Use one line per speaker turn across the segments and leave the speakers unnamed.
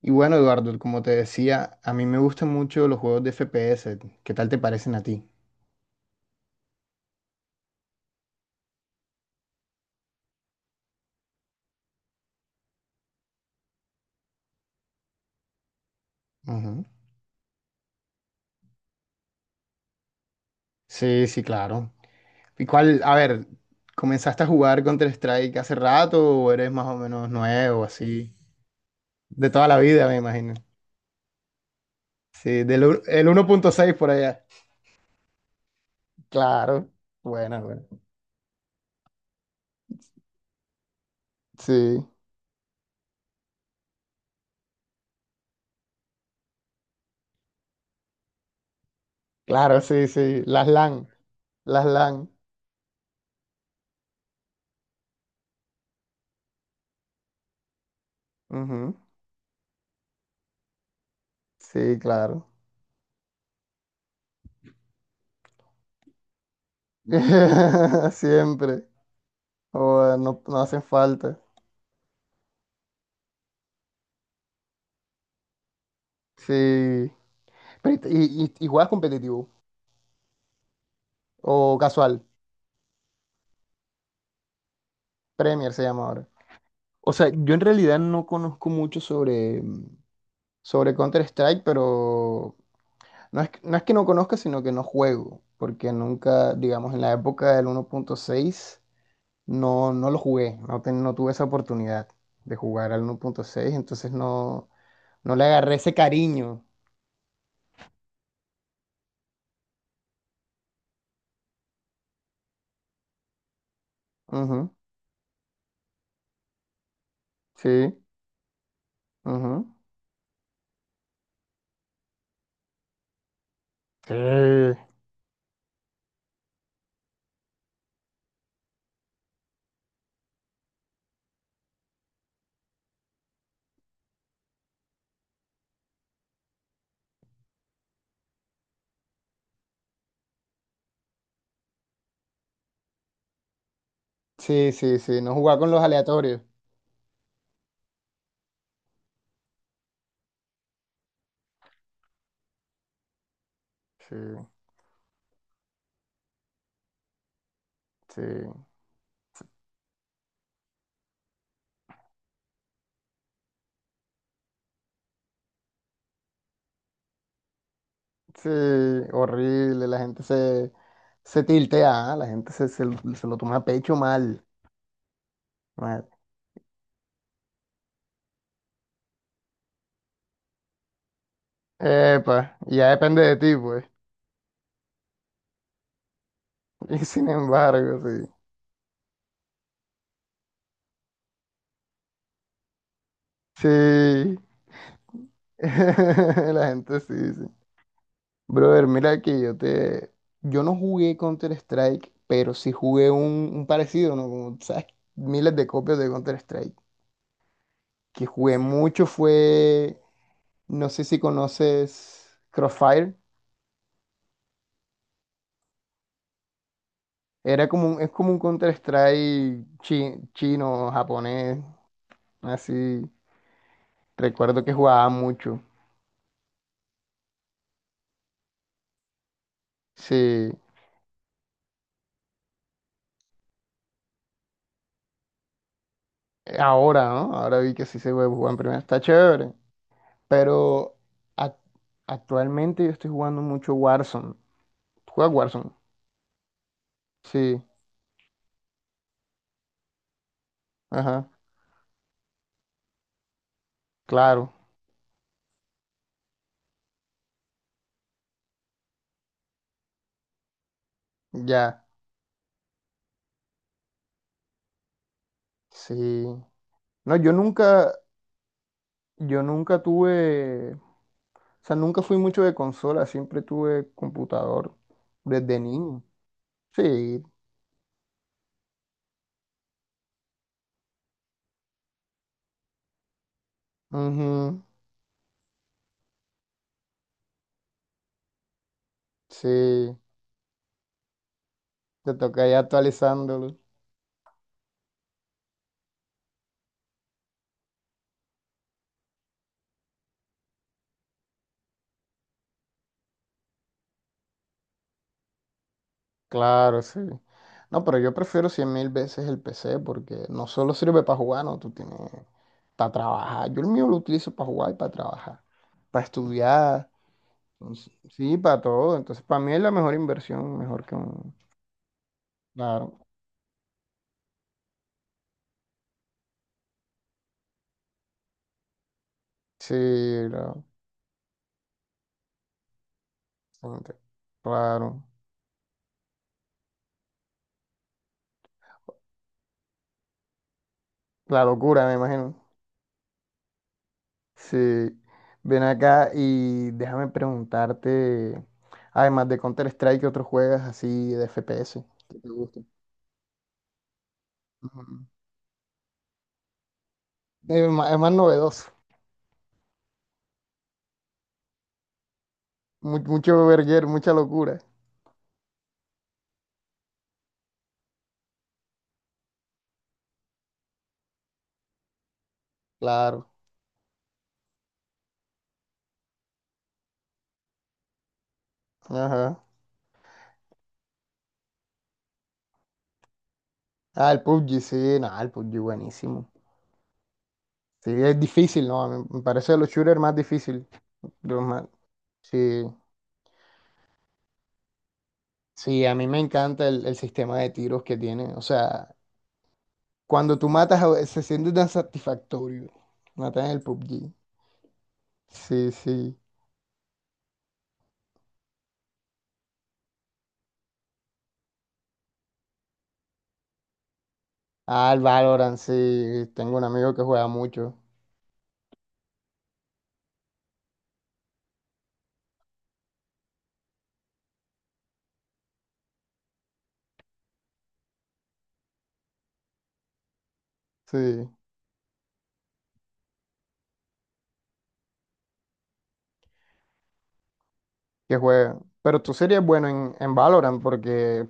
Y bueno, Eduardo, como te decía, a mí me gustan mucho los juegos de FPS. ¿Qué tal te parecen a ti? Ujú. Sí, sí, claro. ¿Y cuál, a ver, comenzaste a jugar Counter-Strike hace rato o eres más o menos nuevo, así? De toda la vida, me imagino. Sí, del u- el 1.6 por allá. Claro, bueno. Sí, claro, sí, sí. Las LAN, las LAN. Ujú. Sí, claro. Siempre. Joder, no, no hacen falta. Sí. Pero ¿Y juegas competitivo o casual? Premier se llama ahora. O sea, yo en realidad no conozco mucho sobre, sobre Counter-Strike, pero no es, no es que no conozca, sino que no juego, porque nunca, digamos, en la época del 1.6 no, no lo jugué, no, no tuve esa oportunidad de jugar al 1.6, entonces no, no le agarré ese cariño. Ujú, sí, ujú. Sí, sí, sí, sí, no jugaba con los aleatorios. Sí, sí. Sí, horrible, se tiltea, ¿ah? La gente se lo toma a pecho mal, mal. Epa, ya depende de ti, pues. Y sin embargo, sí. Sí, la gente sí, sí. Brother, mira que yo te... Yo no jugué Counter-Strike, pero sí jugué un parecido, ¿no? Como, ¿sabes? Miles de copias de Counter-Strike. Que jugué mucho fue... No sé si conoces Crossfire. Era como es como un Counter-Strike chino, japonés, así. Recuerdo que jugaba mucho. Sí, ahora, ¿no? Ahora vi que sí se puede jugar en primera. Está chévere. Pero ac- actualmente yo estoy jugando mucho Warzone. ¿Juega Warzone? Sí, ajá, claro, ya, sí. No, yo nunca tuve, o sea, nunca fui mucho de consola, siempre tuve computador desde niño. Sí. Ujú. Sí, te toca ya actualizándolo. Claro, sí. No, pero yo prefiero cien mil veces el PC porque no solo sirve para jugar, no, tú tienes para trabajar. Yo el mío lo utilizo para jugar y para trabajar, para estudiar, entonces, sí, para todo. Entonces, para mí es la mejor inversión, mejor que un... Claro, sí, la- claro, la locura, me imagino. Sí, ven acá y déjame preguntarte, además de Counter-Strike, ¿qué otros juegas así de FPS que te gusten? Ujú. Es más novedoso, mucho verguer, mucha locura, claro. Ajá. Ah, el PUBG, sí, no, el PUBG buenísimo. Sí, es difícil, ¿no? A mí me parece de los shooters más difícil. de los más- Sí, sí, a mí me encanta el sistema de tiros que tiene. O sea, cuando tú matas, se siente tan satisfactorio matar en el PUBG. Sí, sí. Ah, el Valorant, sí. Tengo un amigo que juega mucho. Sí, que juega. Pero tú serías bueno en Valorant porque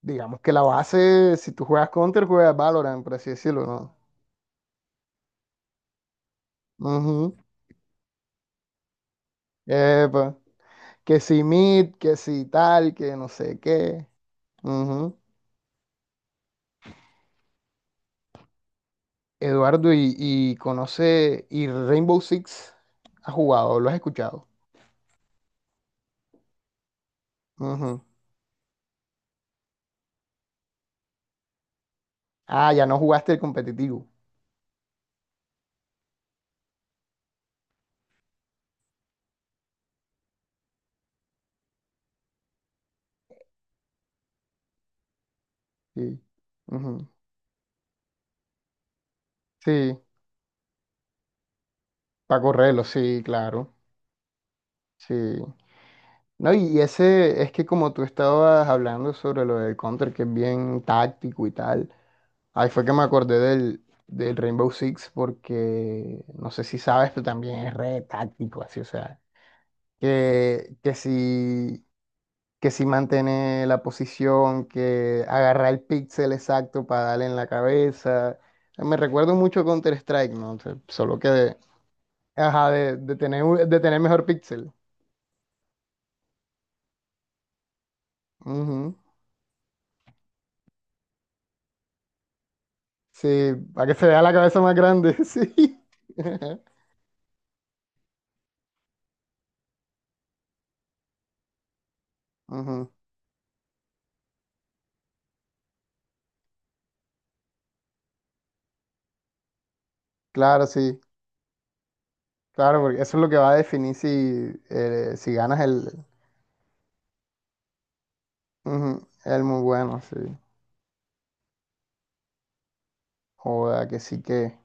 digamos que la base, si tú juegas Counter, juegas Valorant, por así decirlo, ¿no? Ujú. Epa. Que si mid, que si tal, que no sé qué. Ujú. Eduardo, y conoce, y Rainbow Six ha jugado, lo has escuchado. Ujú. Ah, ya no jugaste el competitivo. Sí. Ujú. Sí. Para correrlo, sí, claro. Sí. No, y ese es que como tú estabas hablando sobre lo del Counter, que es bien táctico y tal, ahí fue que me acordé del, del Rainbow Six porque no sé si sabes, pero también es re táctico, así, o sea, que, que si, que si mantiene la posición, que agarra el píxel exacto para darle en la cabeza. Me recuerdo mucho Counter-Strike, ¿no? O sea, solo que, ajá, de tener, de tener mejor píxel. Ujú. Sí, para que se vea la cabeza más grande, sí. Ujú, claro, sí, claro, porque eso es lo que va a definir si, si ganas el, ujú, el muy bueno, sí. Joda, que sí que.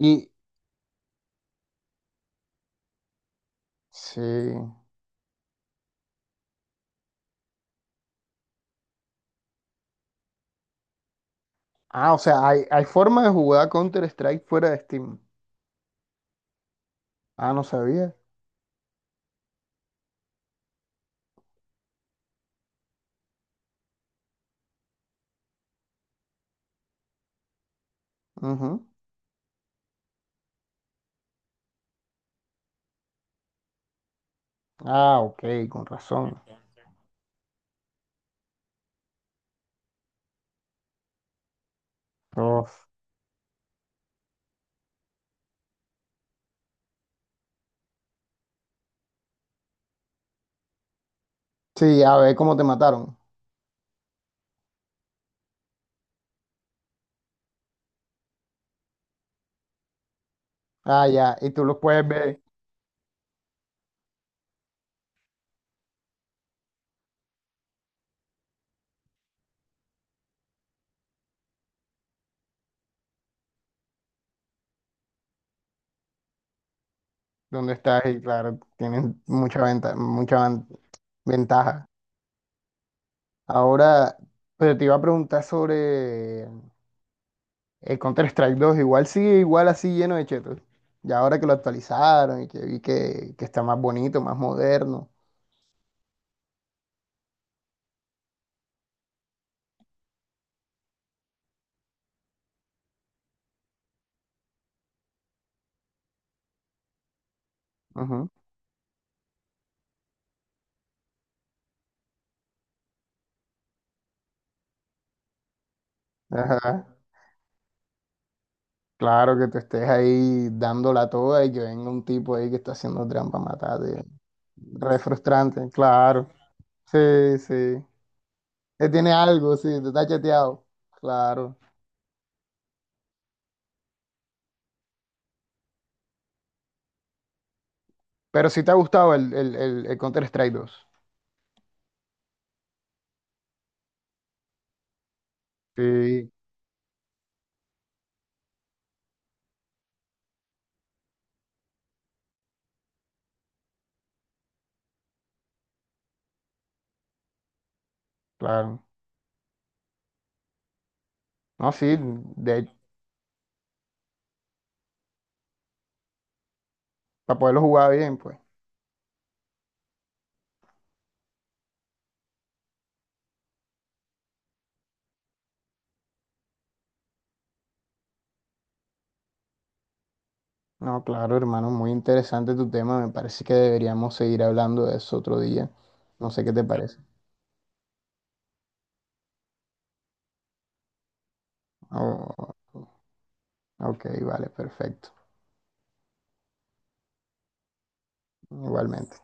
Y sí. Ah, o sea, hay forma de jugar Counter-Strike fuera de Steam. Ah, no sabía. Ujú. Ah, ok, con razón. Uf. Sí, a ver cómo te mataron. Ah, ya, y tú los puedes ver dónde estás y claro, tienen mucha venta, ventaja. Ahora, pero te iba a preguntar sobre el Counter-Strike 2. Igual sigue igual así lleno de chetos. Ya ahora que lo actualizaron y que vi que está más bonito, más moderno. Ujú. Ajá. Claro que te estés ahí dándola toda y que venga un tipo ahí que está haciendo trampa, matarte. Re frustrante, claro. Sí, sí. Tiene algo, sí, te está chateado. Claro. Pero si te ha gustado el Counter-Strike 2. Sí, claro. No, sí, de para poderlo jugar bien, pues. No, claro, hermano, muy interesante tu tema. Me parece que deberíamos seguir hablando de eso otro día. No sé qué te parece. Oh, ok, vale, perfecto. Igualmente.